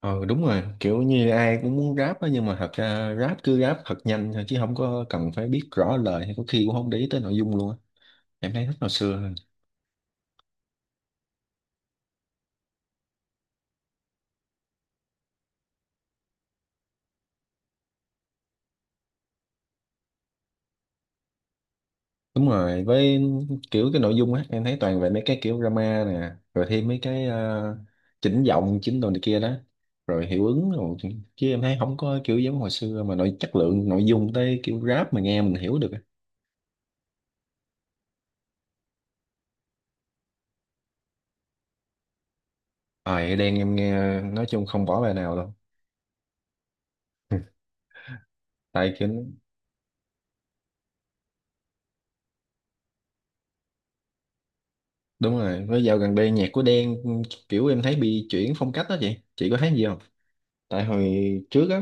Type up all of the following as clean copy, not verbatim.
Ờ đúng rồi, kiểu như ai cũng muốn rap á nhưng mà thật ra rap cứ rap thật nhanh thôi chứ không có cần phải biết rõ lời hay có khi cũng không để ý tới nội dung luôn á. Em thấy thích hồi xưa hơn. Đúng rồi, với kiểu cái nội dung á em thấy toàn về mấy cái kiểu drama nè, rồi thêm mấy cái chỉnh giọng, chỉnh đồ này kia đó, rồi hiệu ứng rồi chứ em thấy không có kiểu giống hồi xưa mà nội chất lượng nội dung tới kiểu rap mà nghe mình hiểu được á. Ờ à, đen em nghe nói chung không bỏ bài nào đâu. Tại kiểu đúng rồi với dạo gần đây nhạc của Đen kiểu em thấy bị chuyển phong cách đó chị có thấy gì không tại hồi trước á.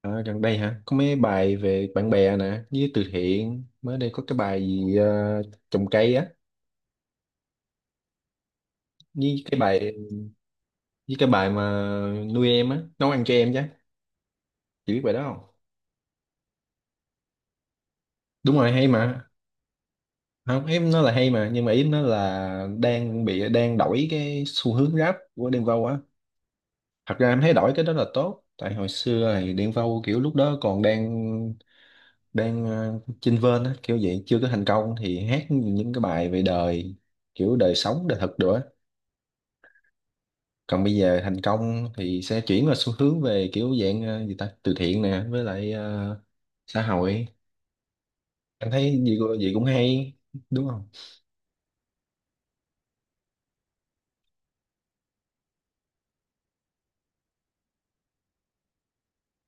À, gần đây hả có mấy bài về bạn bè nè với từ thiện mới đây có cái bài gì trồng cây á với cái bài với cái bài mà nuôi em á nấu ăn cho em chứ chị biết bài đó không. Đúng rồi hay mà, không em nói là hay mà nhưng mà ý em nói là đang bị đang đổi cái xu hướng rap của Đen Vâu á. Thật ra em thấy đổi cái đó là tốt tại hồi xưa thì Đen Vâu kiểu lúc đó còn đang đang ờ, chênh vênh á kiểu vậy chưa có thành công thì hát những cái bài về đời kiểu đời sống đời thực nữa. Còn bây giờ thành công thì sẽ chuyển vào xu hướng về kiểu dạng gì ta từ thiện nè với lại xã hội. Anh thấy gì cũng hay đúng không.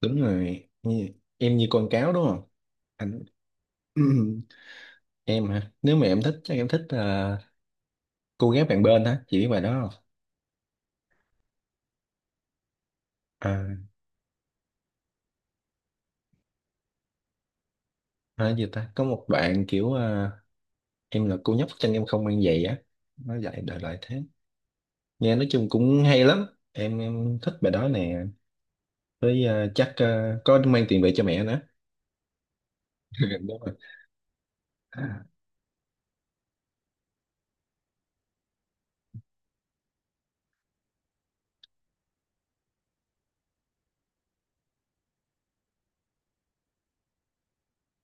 Đúng rồi. Em như con cáo đúng không anh. Em hả nếu mà em thích chắc em thích cô gái bạn bên hả chị biết bài đó không. à, à gì ta có một bạn kiểu em là cô nhóc chân em không mang giày á, nó dạy đời lại thế nghe nói chung cũng hay lắm. Em thích bài đó nè với chắc có mang tiền về cho mẹ nữa. Đúng rồi.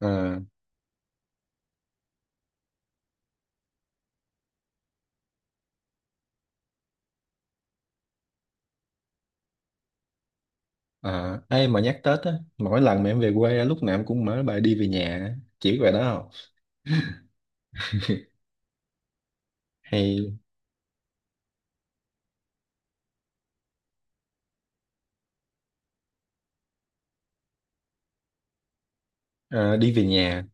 à, ai mà nhắc Tết á, mỗi lần mà em về quê á, lúc nào em cũng mở bài đi về nhà á. Chỉ biết bài đó không. Hay. Ờ, đi về nhà.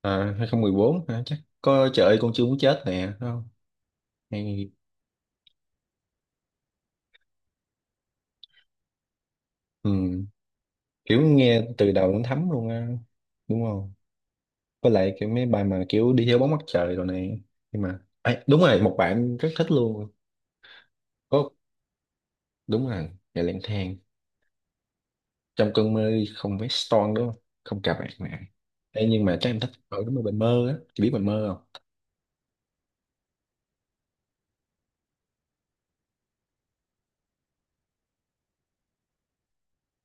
Ờ, 2014 hả chắc có trời ơi con chưa muốn chết nè đúng không. Hay, ừ, kiểu nghe từ đầu đến thấm luôn á đúng không. Với lại cái mấy bài mà kiểu đi theo bóng mặt trời rồi này, nhưng mà Ê, đúng rồi một bạn rất thích luôn. Có, đúng rồi ngày lang thang trong cơn mơ không phải Stone đúng không không cà bạn mẹ. Ê, nhưng mà chắc em thích ở đúng rồi bài mơ á chị biết bài mơ không.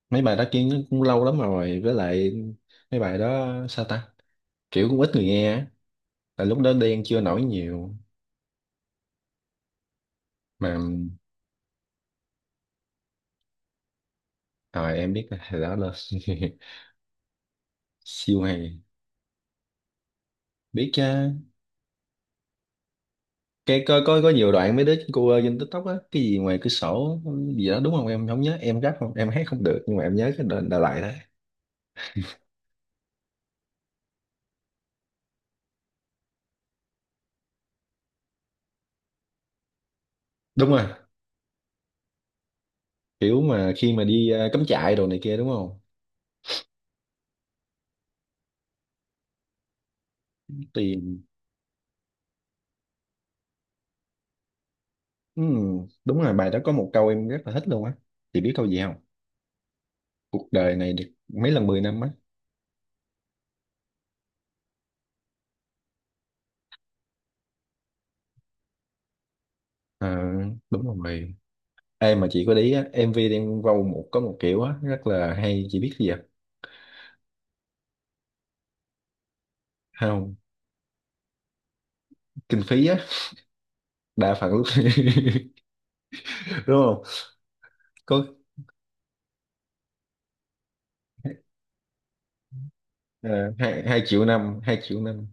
Mấy bài đó kia nó cũng lâu lắm rồi với lại mấy bài đó sao ta kiểu cũng ít người nghe á tại lúc đó đen chưa nổi nhiều mà rồi em biết là hồi đó là siêu hay. Biết chứ. Cái có nhiều đoạn mấy đứa cô ơi trên TikTok á cái gì ngoài cửa sổ gì đó đúng không em không nhớ em rap không em hát không được nhưng mà em nhớ cái đoạn Đà Lạt đó. Đúng rồi kiểu mà khi mà đi cắm trại đồ này kia đúng không. Thì ừm, đúng rồi bài đó có một câu em rất là thích luôn á chị biết câu gì không. Cuộc đời này được mấy lần 10 năm á. Ờ, đúng rồi. Em mà chị có để ý á MV Đen Vâu một có một kiểu á rất là hay chị biết gì vậy không. Kinh phí á đa phần lúc đúng không có. Ờ, hai hai triệu năm, 2 triệu năm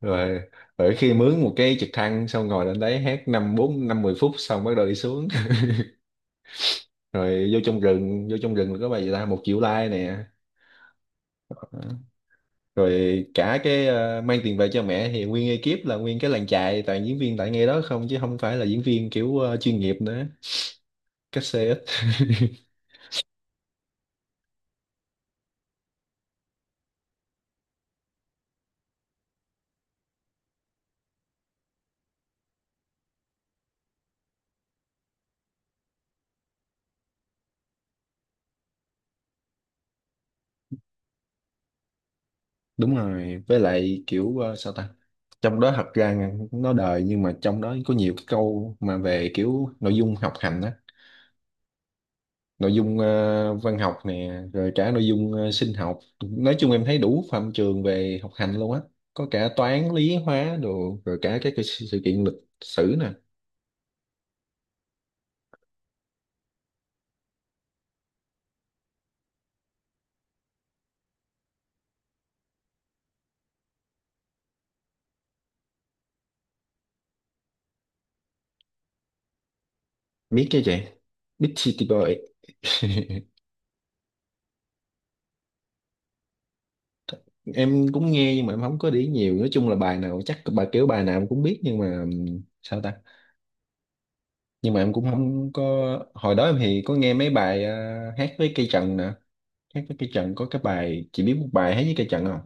rồi. Rồi khi mướn một cái trực thăng xong ngồi lên đấy hát năm bốn năm mười phút xong bắt đầu đi xuống. Rồi vô trong rừng, vô trong rừng là có bài gì ta 1 triệu like nè. Đó. Rồi cả cái mang tiền về cho mẹ thì nguyên ekip là nguyên cái làng chài toàn diễn viên tại ngay đó không chứ không phải là diễn viên kiểu chuyên nghiệp nữa. Cách xe ít. Đúng rồi với lại kiểu sao ta, trong đó thật ra nó đời nhưng mà trong đó có nhiều cái câu mà về kiểu nội dung học hành á, nội dung văn học nè rồi cả nội dung sinh học. Nói chung em thấy đủ phạm trường về học hành luôn á, có cả toán lý hóa đồ rồi cả các cái sự sự kiện lịch sử nè. Biết chứ chị, biết City Boy. Em cũng nghe nhưng mà em không có để ý nhiều nói chung là bài nào chắc bài kiểu bài nào em cũng biết nhưng mà sao ta nhưng mà em cũng không có. Hồi đó em thì có nghe mấy bài hát với cây trần nè, hát với cây trần có cái bài chị biết một bài hát với cây trần không.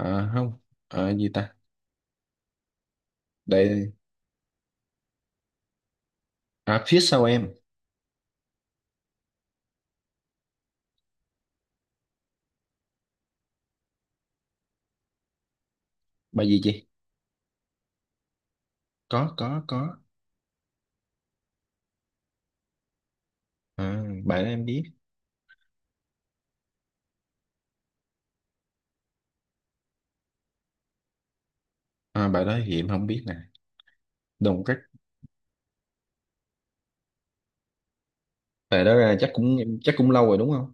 À không. À, gì ta đây. À phía sau em. Bài gì chị. Có. À, bài đó em biết. À, bài đó thì em không biết nè, đồng cát. Bài đó ra chắc cũng em chắc cũng lâu rồi đúng không.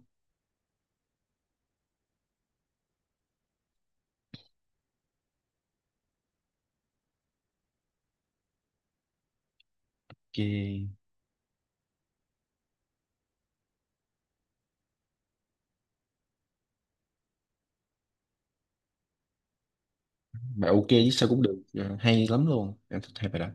Ok. Bài ok chứ sao cũng được, à, hay lắm luôn em thích hai bài đó.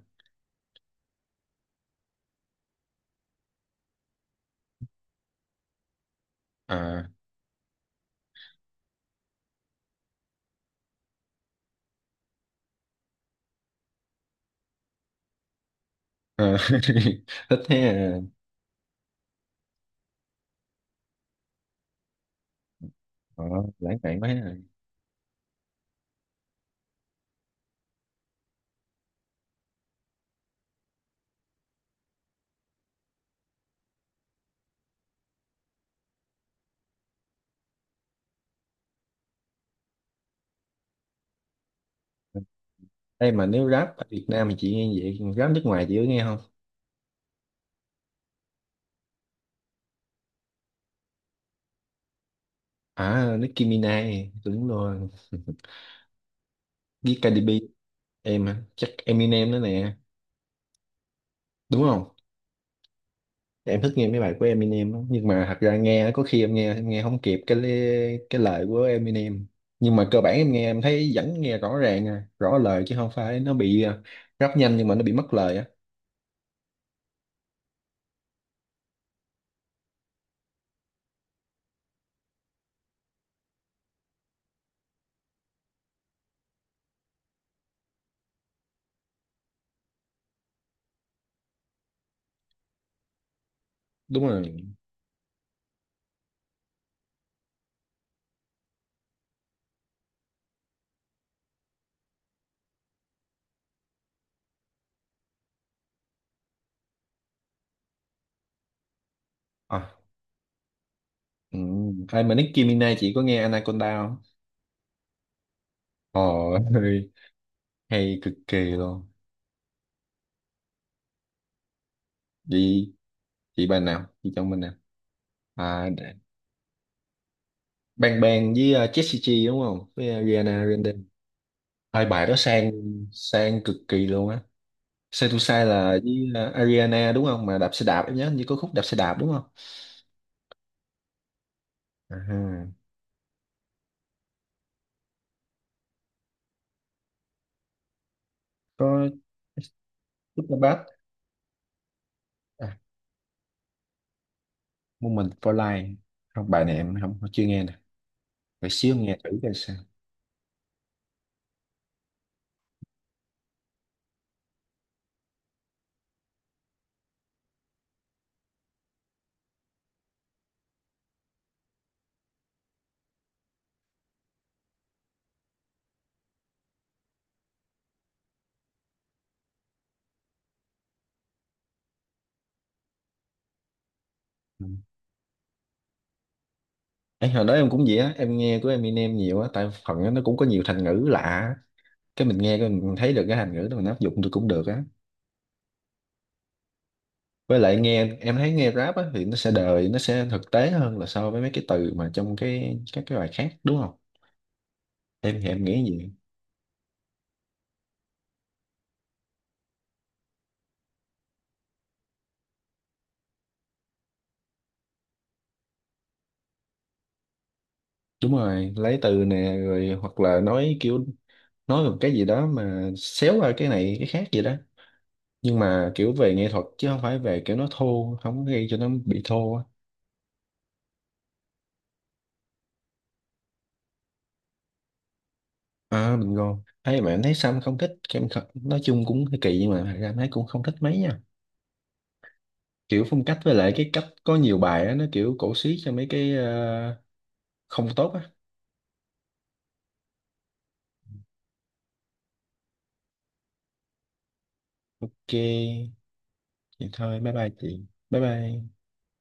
À, à thích thế à. Ờ, lãng mạn quá à. Đây mà nếu rap ở Việt Nam thì chị nghe vậy còn rap nước ngoài chị có nghe không. À Nicki Minaj đúng rồi với Cardi B. Em à, chắc Eminem nữa nè đúng không. Em thích nghe mấy bài của Eminem á, nhưng mà thật ra nghe có khi em nghe không kịp cái cái lời của Eminem nhưng mà cơ bản em nghe em thấy vẫn nghe rõ ràng, rõ lời chứ không phải nó bị rap nhanh nhưng mà nó bị mất lời á. Đúng rồi. à, ừ. Ai mà Nicki Minaj chị có nghe Anaconda không. Ồ, hay, hay cực kỳ luôn. Chị chị bài nào? Chị chọn bên nào? À, để- Bang Bang với Jessie J đúng không? Với Rihanna Grande. Hai bài đó sang, sang cực kỳ luôn á. Sai tu sai là với Ariana đúng không mà đạp xe đạp em nhớ hình như có khúc đạp xe đạp đúng không. à, có Super Bad. à, Moment for Life không bài này em không chưa nghe nè, phải xíu nghe thử coi sao. Ừ. Ê, hồi đó em cũng vậy á em nghe của Eminem nhiều á tại phần á, nó cũng có nhiều thành ngữ lạ á, cái mình nghe cái mình thấy được cái thành ngữ đó mình áp dụng được cũng được á. Với lại nghe em thấy nghe rap á thì nó sẽ đời nó sẽ thực tế hơn là so với mấy cái từ mà trong cái các cái bài khác đúng không. Em thì em nghĩ gì. Đúng rồi, lấy từ nè rồi hoặc là nói kiểu nói một cái gì đó mà xéo qua cái này cái khác gì đó, nhưng mà kiểu về nghệ thuật chứ không phải về kiểu nó thô không có gây cho nó bị thô á. À mình ngon thấy mà em thấy Sam không thích, em nói chung cũng hơi kỳ nhưng mà thật ra em thấy cũng không thích mấy nha, kiểu phong cách với lại cái cách có nhiều bài á nó kiểu cổ xí cho mấy cái không tốt á. Ok vậy thôi bye bye chị, bye bye.